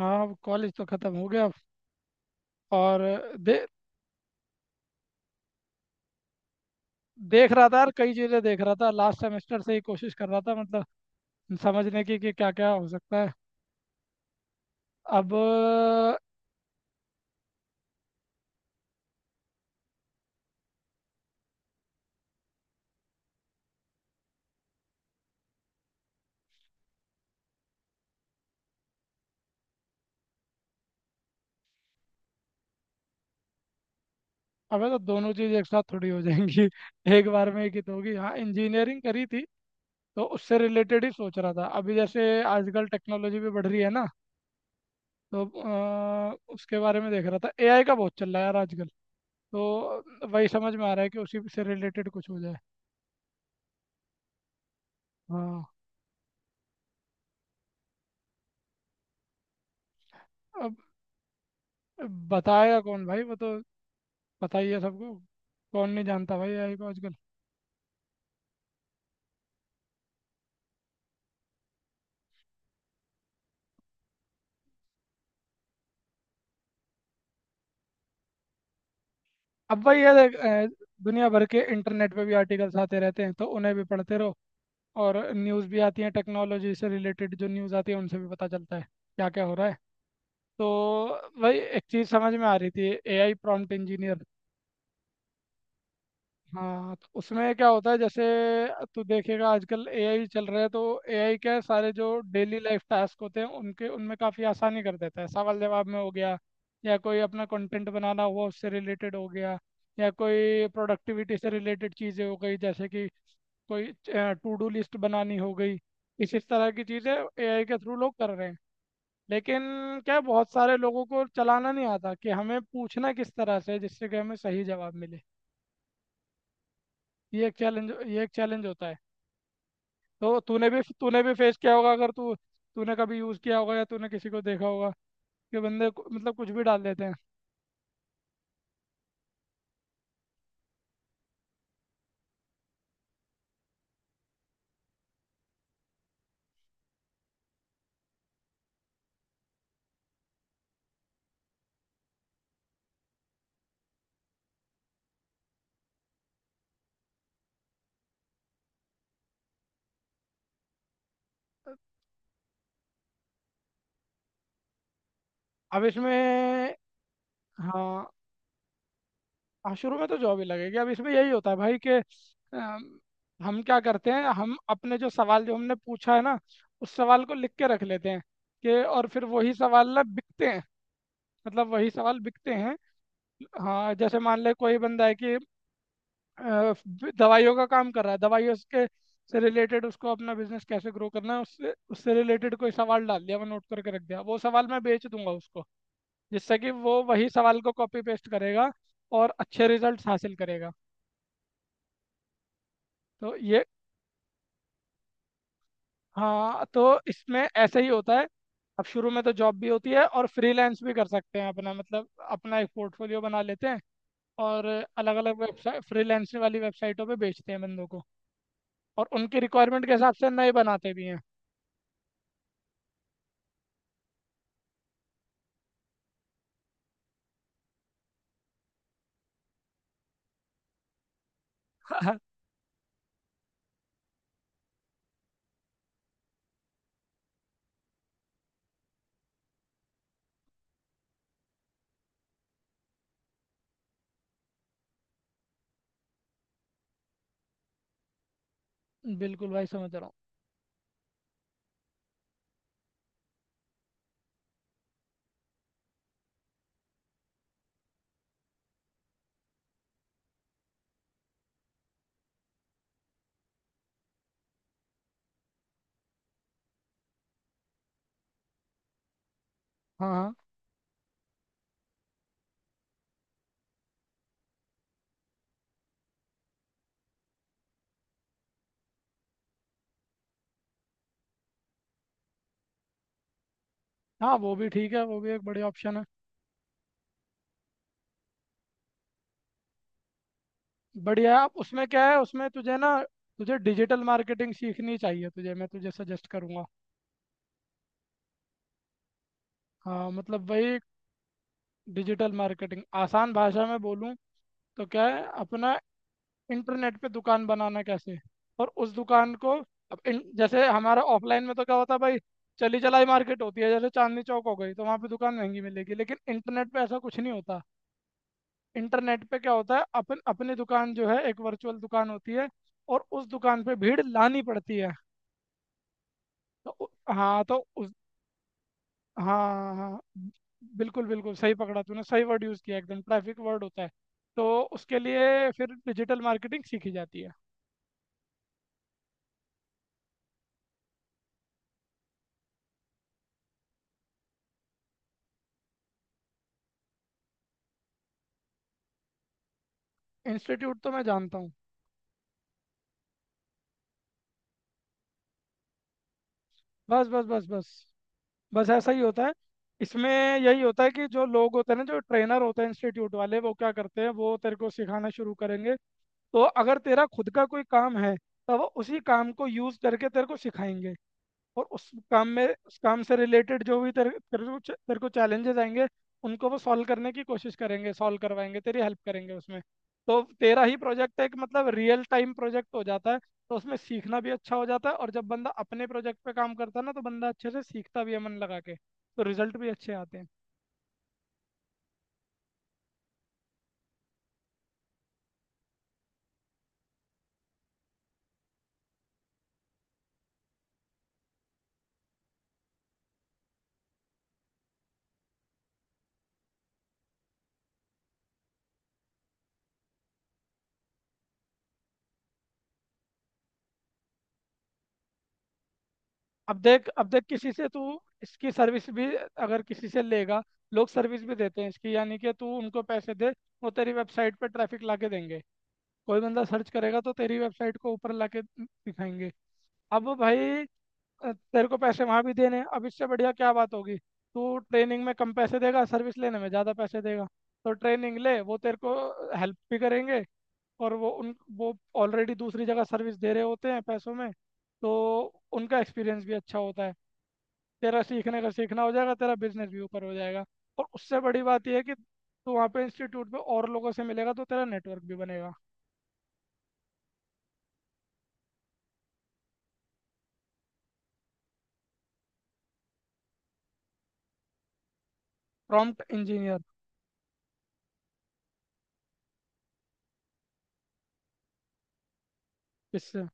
हाँ। अब कॉलेज तो खत्म हो गया और दे देख रहा था यार, कई चीज़ें देख रहा था लास्ट सेमेस्टर से ही, कोशिश कर रहा था मतलब समझने की कि क्या क्या हो सकता है। अब अबे तो दोनों चीज़ एक साथ थोड़ी हो जाएंगी। एक बार में एक ही तो होगी। हाँ, इंजीनियरिंग करी थी तो उससे रिलेटेड ही सोच रहा था। अभी जैसे आजकल टेक्नोलॉजी भी बढ़ रही है ना, तो उसके बारे में देख रहा था। एआई का बहुत चल रहा है यार आजकल, तो वही समझ में आ रहा है कि उसी से रिलेटेड कुछ हो जाए। हाँ। अब बताएगा कौन भाई, वो तो पता ही है सबको। कौन नहीं जानता भाई एआई को आजकल। अब वही है देख, दुनिया भर के इंटरनेट पे भी आर्टिकल्स आते रहते हैं तो उन्हें भी पढ़ते रहो, और न्यूज़ भी आती है, टेक्नोलॉजी से रिलेटेड जो न्यूज़ आती है उनसे भी पता चलता है क्या क्या हो रहा है। तो वही एक चीज़ समझ में आ रही थी, एआई प्रॉम्प्ट इंजीनियर। हाँ, तो उसमें क्या होता है, जैसे तू देखेगा आजकल एआई चल रहा है, तो एआई क्या है, सारे जो डेली लाइफ टास्क होते हैं उनके, उनमें काफ़ी आसानी कर देता है। सवाल जवाब में हो गया, या कोई अपना कंटेंट बनाना हुआ उससे रिलेटेड हो गया, या कोई प्रोडक्टिविटी से रिलेटेड चीज़ें हो गई, जैसे कि कोई टू डू लिस्ट बनानी हो गई, इस तरह की चीज़ें एआई के थ्रू लोग कर रहे हैं। लेकिन क्या है, बहुत सारे लोगों को चलाना नहीं आता कि हमें पूछना किस तरह से है, जिससे कि हमें सही जवाब मिले। ये एक चैलेंज होता है। तो तूने भी फेस किया होगा, अगर तू, तूने कभी यूज़ किया होगा या तूने किसी को देखा होगा कि मतलब कुछ भी डाल देते हैं। अब इसमें। हाँ। हाँ, शुरू में तो जॉब ही लगेगी। अब इसमें यही होता है भाई कि, अम, हम क्या करते हैं, हम अपने जो सवाल जो हमने पूछा है ना, उस सवाल को लिख के रख लेते हैं। कि और फिर वही सवाल ना बिकते हैं, मतलब वही सवाल बिकते हैं। हाँ, जैसे मान ले कोई बंदा है कि, अ, दवाइयों का काम कर रहा है, दवाइयों के से रिलेटेड उसको, अपना बिजनेस कैसे ग्रो करना है, उससे उससे रिलेटेड कोई सवाल डाल दिया, मैं नोट करके रख दिया, वो सवाल मैं बेच दूंगा उसको, जिससे कि वो वही सवाल को कॉपी पेस्ट करेगा और अच्छे रिजल्ट्स हासिल करेगा। तो ये, हाँ तो इसमें ऐसे ही होता है। अब शुरू में तो जॉब भी होती है, और फ्रीलांस भी कर सकते हैं अपना, मतलब अपना एक पोर्टफोलियो बना लेते हैं, और अलग अलग वेबसाइट, फ्रीलांसिंग वाली वेबसाइटों पे बेचते हैं बंदों को, और उनकी रिक्वायरमेंट के हिसाब से नए बनाते भी हैं। बिल्कुल भाई, समझ रहा हूँ। हाँ, हाँ, हाँ। वो भी ठीक है, वो भी एक बढ़िया ऑप्शन है। बढ़िया है। आप उसमें क्या है, उसमें तुझे ना, तुझे डिजिटल मार्केटिंग सीखनी चाहिए, तुझे मैं तुझे सजेस्ट करूँगा। हाँ मतलब वही। डिजिटल मार्केटिंग आसान भाषा में बोलूँ तो क्या है, अपना इंटरनेट पे दुकान बनाना कैसे, और उस दुकान को, अब जैसे हमारा ऑफलाइन में तो क्या होता है भाई, चली चलाई मार्केट होती है, जैसे चांदनी चौक हो गई, तो वहाँ पे दुकान महंगी मिलेगी, लेकिन इंटरनेट पे ऐसा कुछ नहीं होता। इंटरनेट पे क्या होता है, अपन अपनी दुकान जो है, एक वर्चुअल दुकान होती है, और उस दुकान पे भीड़ लानी पड़ती है। तो उ- हाँ तो उस, हाँ हाँ, बिल्कुल बिल्कुल सही पकड़ा तूने, सही वर्ड यूज़ किया एकदम, ट्रैफिक वर्ड होता है। तो उसके लिए फिर डिजिटल मार्केटिंग सीखी जाती है। इंस्टीट्यूट तो मैं जानता हूँ। बस बस बस बस, बस ऐसा ही होता है इसमें। यही होता है कि जो लोग होते हैं ना, जो ट्रेनर होते हैं इंस्टीट्यूट वाले, वो क्या करते हैं, वो तेरे को सिखाना शुरू करेंगे। तो अगर तेरा खुद का कोई काम है, तो वो उसी काम को यूज करके तेरे को सिखाएंगे। और उस काम में, उस काम से रिलेटेड जो भी तेरे तेरे को तेरे को चैलेंजेस आएंगे, उनको वो सॉल्व करने की कोशिश करेंगे, सॉल्व करवाएंगे, तेरी हेल्प करेंगे उसमें। तो तेरा ही प्रोजेक्ट एक, मतलब रियल टाइम प्रोजेक्ट हो जाता है। तो उसमें सीखना भी अच्छा हो जाता है, और जब बंदा अपने प्रोजेक्ट पे काम करता है ना, तो बंदा अच्छे से सीखता भी है मन लगा के, तो रिजल्ट भी अच्छे आते हैं। अब देख, अब देख, किसी से तू इसकी सर्विस भी अगर किसी से लेगा, लोग सर्विस भी देते हैं इसकी, यानी कि तू उनको पैसे दे, वो तेरी वेबसाइट पे ट्रैफिक ला के देंगे। कोई बंदा सर्च करेगा तो तेरी वेबसाइट को ऊपर ला के दिखाएंगे। अब भाई, तेरे को पैसे वहाँ भी देने हैं। अब इससे बढ़िया क्या बात होगी, तू ट्रेनिंग में कम पैसे देगा, सर्विस लेने में ज़्यादा पैसे देगा। तो ट्रेनिंग ले, वो तेरे को हेल्प भी करेंगे, और वो ऑलरेडी दूसरी जगह सर्विस दे रहे होते हैं पैसों में, तो उनका एक्सपीरियंस भी अच्छा होता है। तेरा सीखने का सीखना हो जाएगा, तेरा बिजनेस भी ऊपर हो जाएगा। और उससे बड़ी बात यह है कि तू वहाँ पे इंस्टीट्यूट पे और लोगों से मिलेगा, तो तेरा नेटवर्क भी बनेगा। Prompt engineer. इससे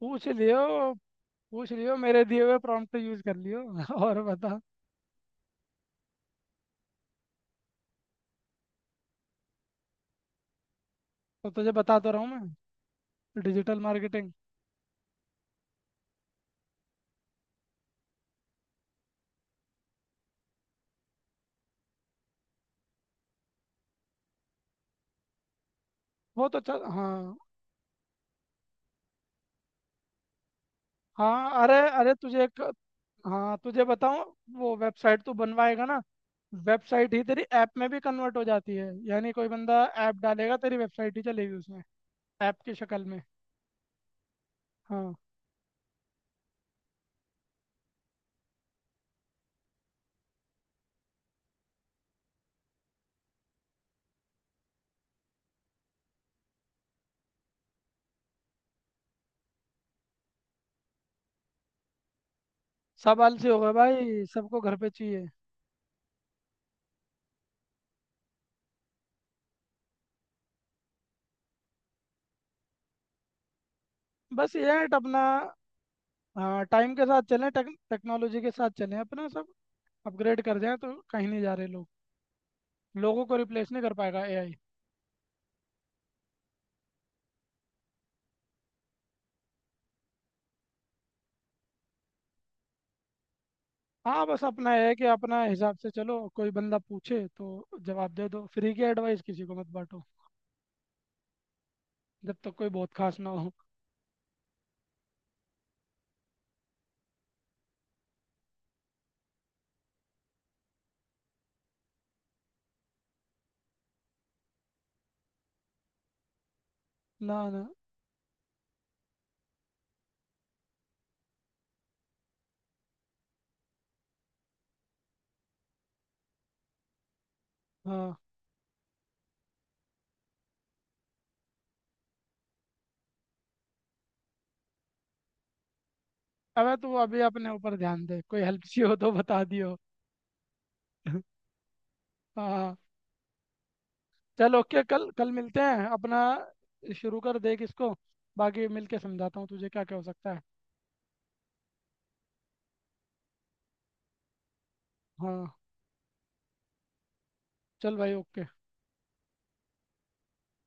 पूछ लियो, पूछ लियो मेरे दिए हुए प्रॉम्प्ट यूज कर लियो। और बता। तो तुझे बता तो रहा हूँ मैं, डिजिटल मार्केटिंग। वो तो चल, हाँ। हाँ अरे अरे, तुझे एक, हाँ तुझे बताऊँ, वो वेबसाइट तू बनवाएगा ना, वेबसाइट ही तेरी ऐप में भी कन्वर्ट हो जाती है, यानी कोई बंदा ऐप डालेगा तेरी वेबसाइट ही चलेगी उसमें, ऐप की शक्ल में। हाँ। सब आलसी हो गए भाई, सबको घर पे चाहिए। बस ये है अपना, हाँ, टाइम के साथ चलें, टेक्नोलॉजी के साथ चलें, अपना सब अपग्रेड कर जाएं, तो कहीं नहीं जा रहे लोग। लोगों को रिप्लेस नहीं कर पाएगा एआई। हाँ, बस अपना ये है कि अपना हिसाब से चलो, कोई बंदा पूछे तो जवाब दे दो, फ्री की एडवाइस किसी को मत बांटो जब तक कोई बहुत खास ना हो। ना ना। हाँ। अबे तू अभी अपने ऊपर ध्यान दे, कोई हेल्प चाहिए हो तो बता दियो। हाँ। चल ओके, कल कल मिलते हैं अपना। शुरू कर देख इसको, बाकी मिलके समझाता हूँ तुझे क्या क्या हो सकता है। हाँ चल भाई ओके।